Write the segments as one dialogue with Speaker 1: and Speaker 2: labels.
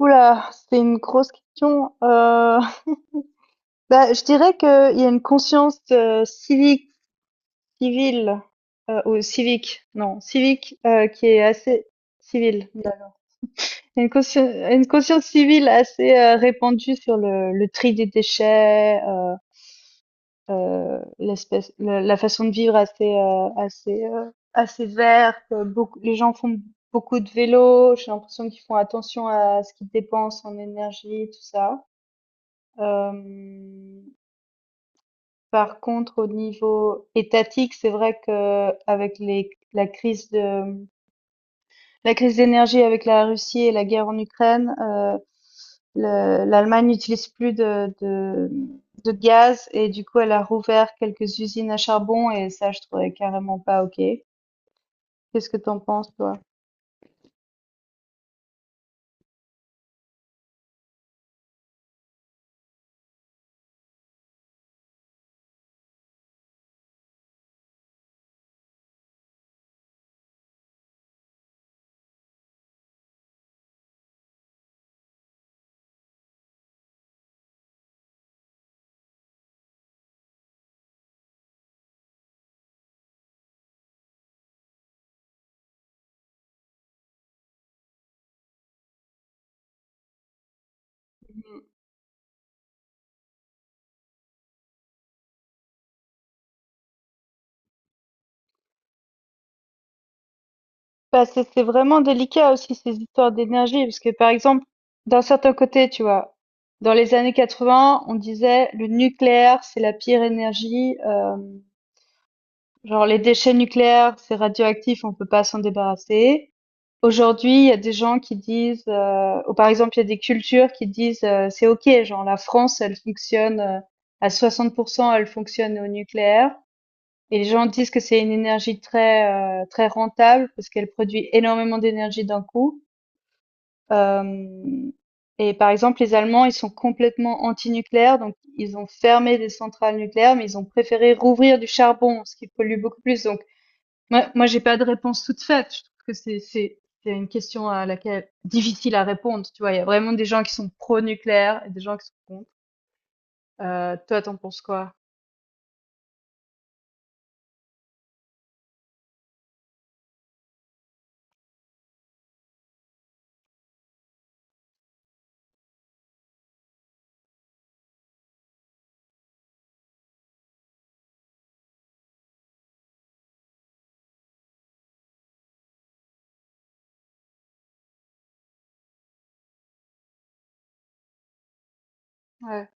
Speaker 1: Oula, c'est une grosse question. Je dirais qu'il y a une conscience civique, civile, ou civique, non, civique, qui est assez civile. Non. Il y a une conscience civile assez répandue sur le tri des déchets, l'espèce, la façon de vivre assez verte. Beaucoup, les gens font beaucoup de vélo. J'ai l'impression qu'ils font attention à ce qu'ils dépensent en énergie, tout ça. Hem, Par contre, au niveau étatique, c'est vrai qu'avec les la crise d'énergie avec la Russie et la guerre en Ukraine, le l'Allemagne n'utilise plus de gaz et du coup, elle a rouvert quelques usines à charbon et ça, je trouvais carrément pas OK. Qu'est-ce que t'en penses, toi? Bah, c'est vraiment délicat aussi ces histoires d'énergie. Parce que par exemple, d'un certain côté, tu vois, dans les années 80, on disait le nucléaire c'est la pire énergie, genre les déchets nucléaires c'est radioactif, on peut pas s'en débarrasser. Aujourd'hui, il y a des gens qui disent ou par exemple il y a des cultures qui disent c'est OK, genre la France, elle fonctionne à 60% elle fonctionne au nucléaire, et les gens disent que c'est une énergie très rentable parce qu'elle produit énormément d'énergie d'un coup. Hem Et par exemple, les Allemands, ils sont complètement anti-nucléaire, donc ils ont fermé des centrales nucléaires, mais ils ont préféré rouvrir du charbon, ce qui pollue beaucoup plus. Donc j'ai pas de réponse toute faite. Je trouve que c'est une question à laquelle difficile à répondre, tu vois? Il y a vraiment des gens qui sont pro-nucléaire et des gens qui sont contre. Toi, t'en penses quoi? Ouais,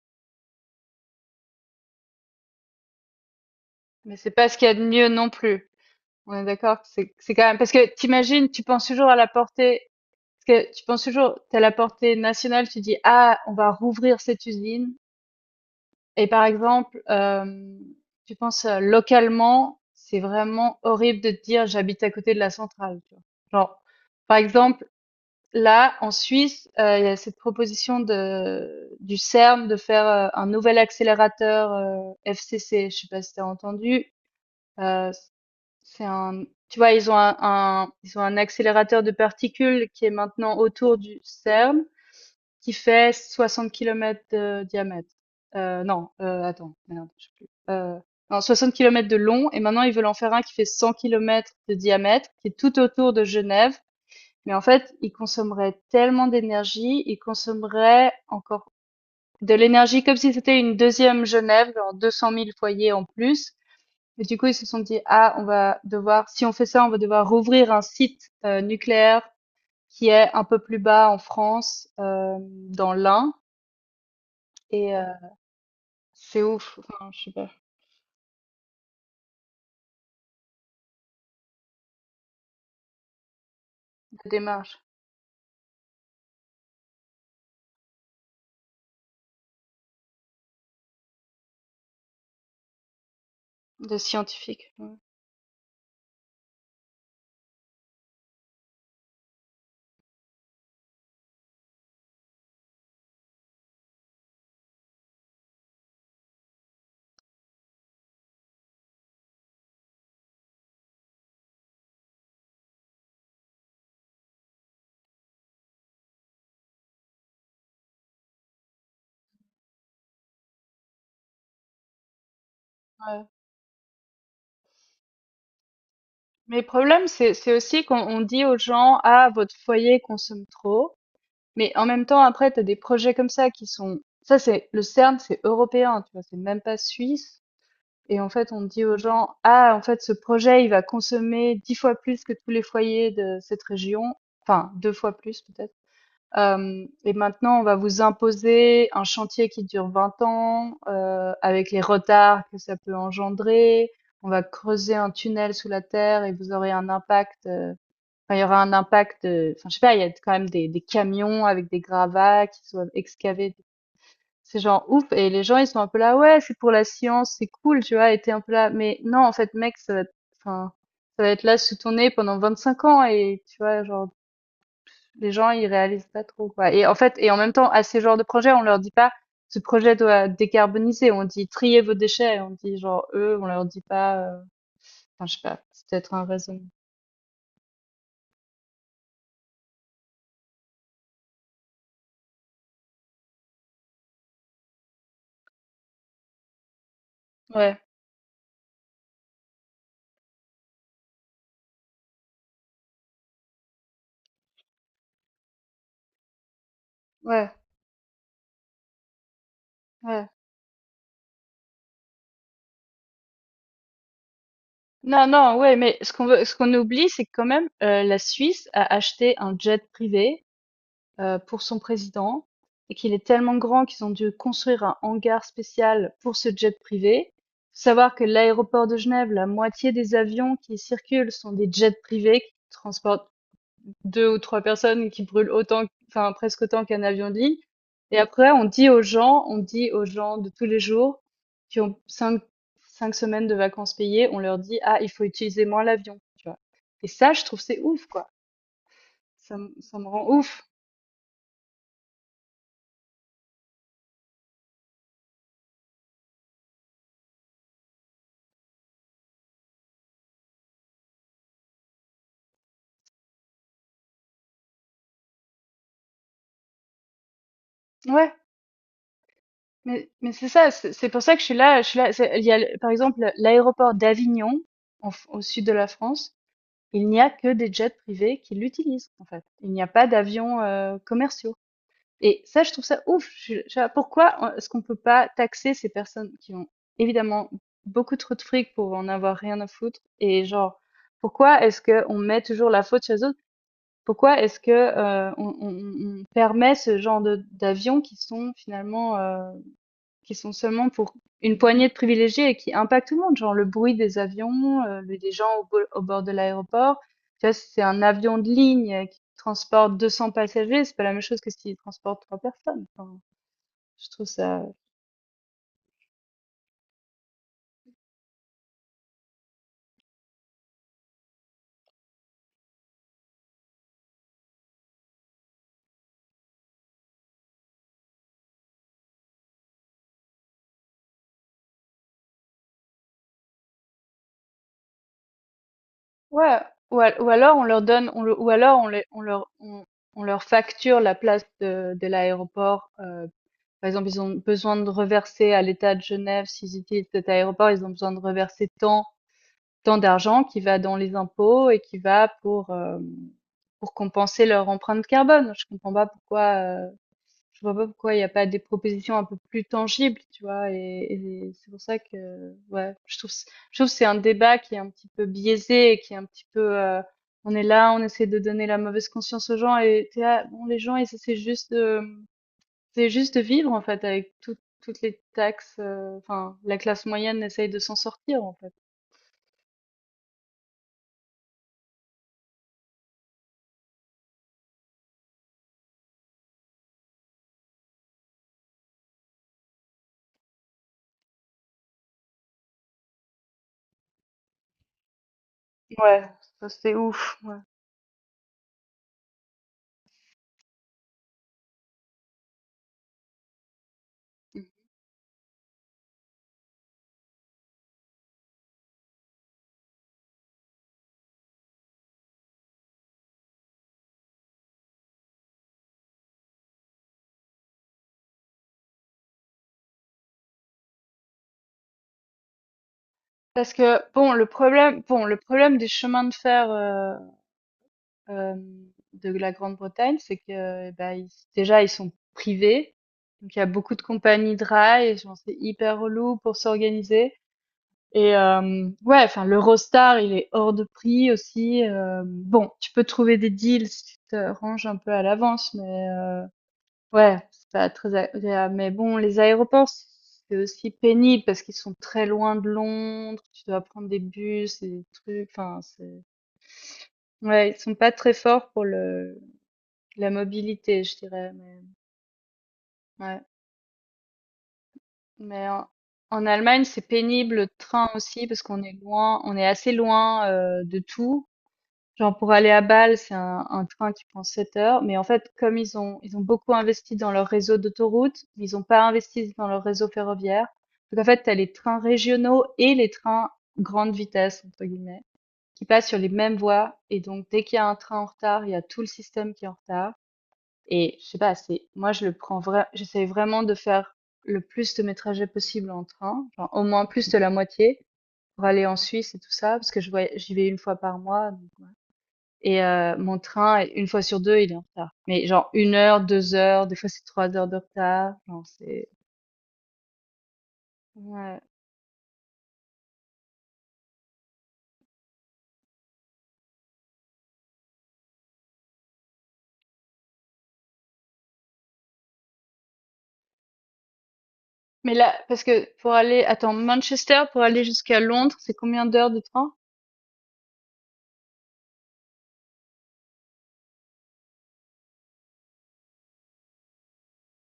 Speaker 1: mais c'est pas ce qu'il y a de mieux non plus. On est d'accord que c'est quand même, parce que t'imagines, tu penses toujours à la portée, parce que tu penses toujours t'as la portée nationale, tu dis ah, on va rouvrir cette usine, et par exemple, tu penses localement, c'est vraiment horrible de te dire j'habite à côté de la centrale, tu vois. Genre par exemple, là en Suisse, il y a cette proposition de du CERN de faire un nouvel accélérateur FCC, je sais pas si t'as entendu. Euh, c'est un, tu vois, ils ont ils ont un accélérateur de particules qui est maintenant autour du CERN, qui fait 60 km de diamètre. Non, Attends, merde, je sais plus. Non, 60 km de long, et maintenant ils veulent en faire un qui fait 100 km de diamètre, qui est tout autour de Genève. Mais en fait, ils consommeraient tellement d'énergie, ils consommeraient encore de l'énergie comme si c'était une deuxième Genève, genre 200 000 foyers en plus. Et du coup, ils se sont dit, ah, on va devoir, si on fait ça, on va devoir rouvrir un site nucléaire qui est un peu plus bas en France, dans l'Ain. Et euh, c'est ouf, enfin, je sais pas, la démarche de scientifique. Ouais. Mais le problème, c'est aussi qu'on on dit aux gens, ah, votre foyer consomme trop. Mais en même temps, après, t'as des projets comme ça qui sont, ça c'est, le CERN, c'est européen, tu vois, c'est même pas suisse. Et en fait, on dit aux gens, ah, en fait, ce projet, il va consommer 10 fois plus que tous les foyers de cette région, enfin, 2 fois plus peut-être. Et maintenant, on va vous imposer un chantier qui dure 20 ans, avec les retards que ça peut engendrer. On va creuser un tunnel sous la terre et vous aurez un impact. Enfin, il y aura un impact. Enfin, je sais pas. Il y a quand même des camions avec des gravats qui doivent excaver. C'est genre ouf, et les gens ils sont un peu là ouais c'est pour la science c'est cool tu vois, et t'es un peu là mais non en fait mec ça va être, enfin ça va être là sous ton nez pendant 25 ans, et tu vois genre les gens ils réalisent pas trop quoi. Et en fait, et en même temps, à ces genres de projets on leur dit pas ce projet doit décarboniser, on dit triez vos déchets, on dit genre, eux on leur dit pas enfin je sais pas, c'est peut-être un raisonnement. ouais ouais ouais non, non, ouais, mais ce qu'on veut, ce qu'on oublie, c'est que quand même, la Suisse a acheté un jet privé pour son président, et qu'il est tellement grand qu'ils ont dû construire un hangar spécial pour ce jet privé. Faut savoir que l'aéroport de Genève, la moitié des avions qui circulent sont des jets privés qui transportent 2 ou 3 personnes et qui brûlent autant, enfin presque autant qu'un avion de ligne. Et après on dit aux gens, on dit aux gens de tous les jours qui ont cinq 5 semaines de vacances payées, on leur dit: «Ah, il faut utiliser moins l'avion», tu vois? Et ça, je trouve c'est ouf, quoi. Ça me rend ouf. Ouais. Mais c'est ça, c'est pour ça que je suis là, c'est il y a le par exemple l'aéroport d'Avignon, en f au sud de la France, il n'y a que des jets privés qui l'utilisent, en fait. Il n'y a pas d'avions, commerciaux, et ça, je trouve ça ouf! Je suis pourquoi on est-ce qu'on peut pas taxer ces personnes qui ont évidemment beaucoup trop de fric pour en avoir rien à foutre, et genre, pourquoi est-ce que on met toujours la faute chez les autres? Pourquoi est-ce que, on on permet ce genre de d'avions qui sont finalement, qui sont seulement pour une poignée de privilégiés et qui impactent tout le monde, genre le bruit des avions, des gens au, au bord de l'aéroport. Tu vois, c'est un avion de ligne qui transporte 200 passagers, c'est pas la même chose que s'il transporte trois personnes. Enfin, je trouve ça... Ouais, ou, ou alors on leur donne, ou alors on, on leur facture la place de l'aéroport Par exemple, ils ont besoin de reverser à l'État de Genève, s'ils utilisent cet aéroport, ils ont besoin de reverser tant, tant d'argent qui va dans les impôts et qui va pour compenser leur empreinte carbone. Je comprends pas pourquoi, euh, je vois pas pourquoi il n'y a pas des propositions un peu plus tangibles, tu vois, et c'est pour ça que, ouais, je trouve que c'est un débat qui est un petit peu biaisé et qui est un petit peu, on est là, on essaie de donner la mauvaise conscience aux gens, et t'es là, bon, les gens, ils essaient juste de, c'est juste de vivre en fait avec toutes les taxes, enfin la classe moyenne essaye de s'en sortir en fait. Ouais, ça c'est ouf, ouais. Mmh. Parce que bon, le problème des chemins de fer, de la Grande-Bretagne, c'est que, eh bah, ils déjà ils sont privés, donc il y a beaucoup de compagnies de rail, et genre c'est hyper relou pour s'organiser. Et ouais, enfin l'Eurostar, il est hors de prix aussi, bon, tu peux trouver des deals si tu te ranges un peu à l'avance, mais ouais, c'est pas très agréable. Mais bon, les aéroports, c'est aussi pénible parce qu'ils sont très loin de Londres, tu dois prendre des bus et des trucs, enfin, c'est... Ouais, ils sont pas très forts pour le la mobilité, je dirais, mais ouais. Mais en Allemagne, c'est pénible le train aussi parce qu'on est loin, on est assez loin de tout. Genre pour aller à Bâle, c'est un train qui prend 7 heures. Mais en fait, comme ils ont beaucoup investi dans leur réseau d'autoroutes, mais ils n'ont pas investi dans leur réseau ferroviaire. Donc en fait, t'as les trains régionaux et les trains grande vitesse entre guillemets qui passent sur les mêmes voies, et donc dès qu'il y a un train en retard, il y a tout le système qui est en retard. Et je sais pas, c'est moi je le prends vrai, j'essaie vraiment de faire le plus de mes trajets possible en train, genre au moins plus de la moitié, pour aller en Suisse et tout ça parce que j'y vais une fois par mois. Mon train, une fois sur deux, il est en retard. Mais genre 1 heure, 2 heures, des fois c'est 3 heures de retard. Non, c'est... Ouais. Mais là, parce que pour aller... Attends, Manchester, pour aller jusqu'à Londres, c'est combien d'heures de train?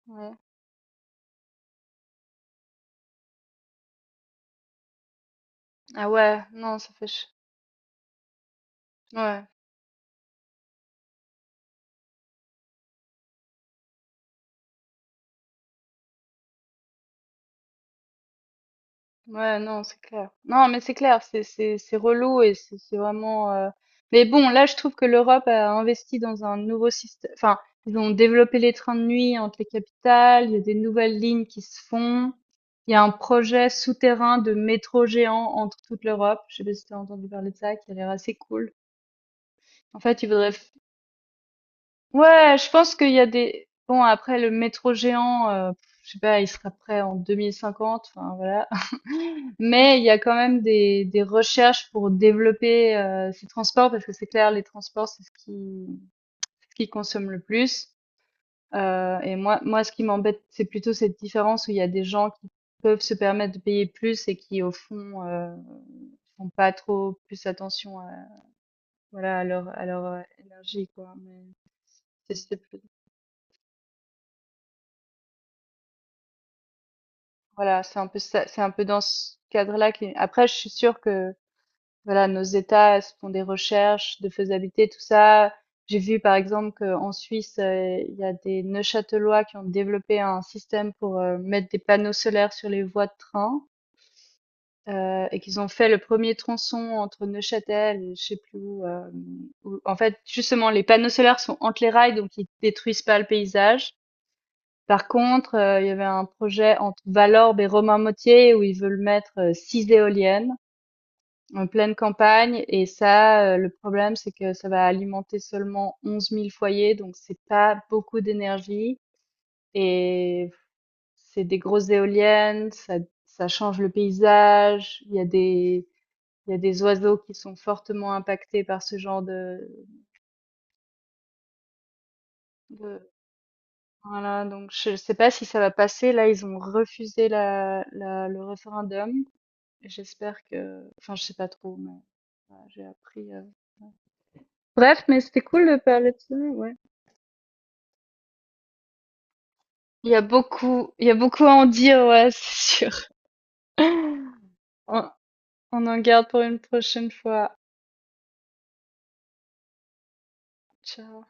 Speaker 1: Ouais. Ah ouais, non, ça fait... Ouais. Ouais, non, c'est clair. Non, mais c'est clair, c'est relou et c'est vraiment. Mais bon, là, je trouve que l'Europe a investi dans un nouveau système. Enfin, ils ont développé les trains de nuit entre les capitales. Il y a des nouvelles lignes qui se font. Il y a un projet souterrain de métro géant entre toute l'Europe. Je sais pas si t'as entendu parler de ça, qui a l'air assez cool. En fait, ils voudraient. Ouais, je pense qu'il y a des. Bon, après le métro géant, je sais pas, il sera prêt en 2050. Enfin, voilà. Mais il y a quand même des recherches pour développer ces transports parce que c'est clair, les transports, c'est ce qui consomme le plus. Et moi, moi, ce qui m'embête, c'est plutôt cette différence où il y a des gens qui peuvent se permettre de payer plus et qui, au fond, font pas trop plus attention à, voilà, à leur énergie, quoi. Mais c'est, voilà, c'est un peu ça, c'est un peu dans ce cadre-là qui, après, je suis sûre que voilà, nos États se font des recherches de faisabilité, tout ça. J'ai vu par exemple qu'en Suisse, il y a des Neuchâtelois qui ont développé un système pour, mettre des panneaux solaires sur les voies de train, et qu'ils ont fait le premier tronçon entre Neuchâtel et je sais plus où, où en fait justement les panneaux solaires sont entre les rails donc ils détruisent pas le paysage. Par contre, il y avait un projet entre Valorbe et Romainmôtier où ils veulent mettre, 6 éoliennes en pleine campagne, et ça, le problème, c'est que ça va alimenter seulement 11 000 foyers, donc c'est pas beaucoup d'énergie, et c'est des grosses éoliennes, ça ça change le paysage. Il y a des, il y a des oiseaux qui sont fortement impactés par ce genre de, voilà, donc je sais pas si ça va passer. Là, ils ont refusé la la le référendum. J'espère que, enfin, je sais pas trop, mais voilà, j'ai appris, ouais. Bref, mais c'était cool de parler de ça, ouais. Il y a beaucoup, il y a beaucoup à en dire, ouais, c'est sûr. On, on en garde pour une prochaine fois. Ciao.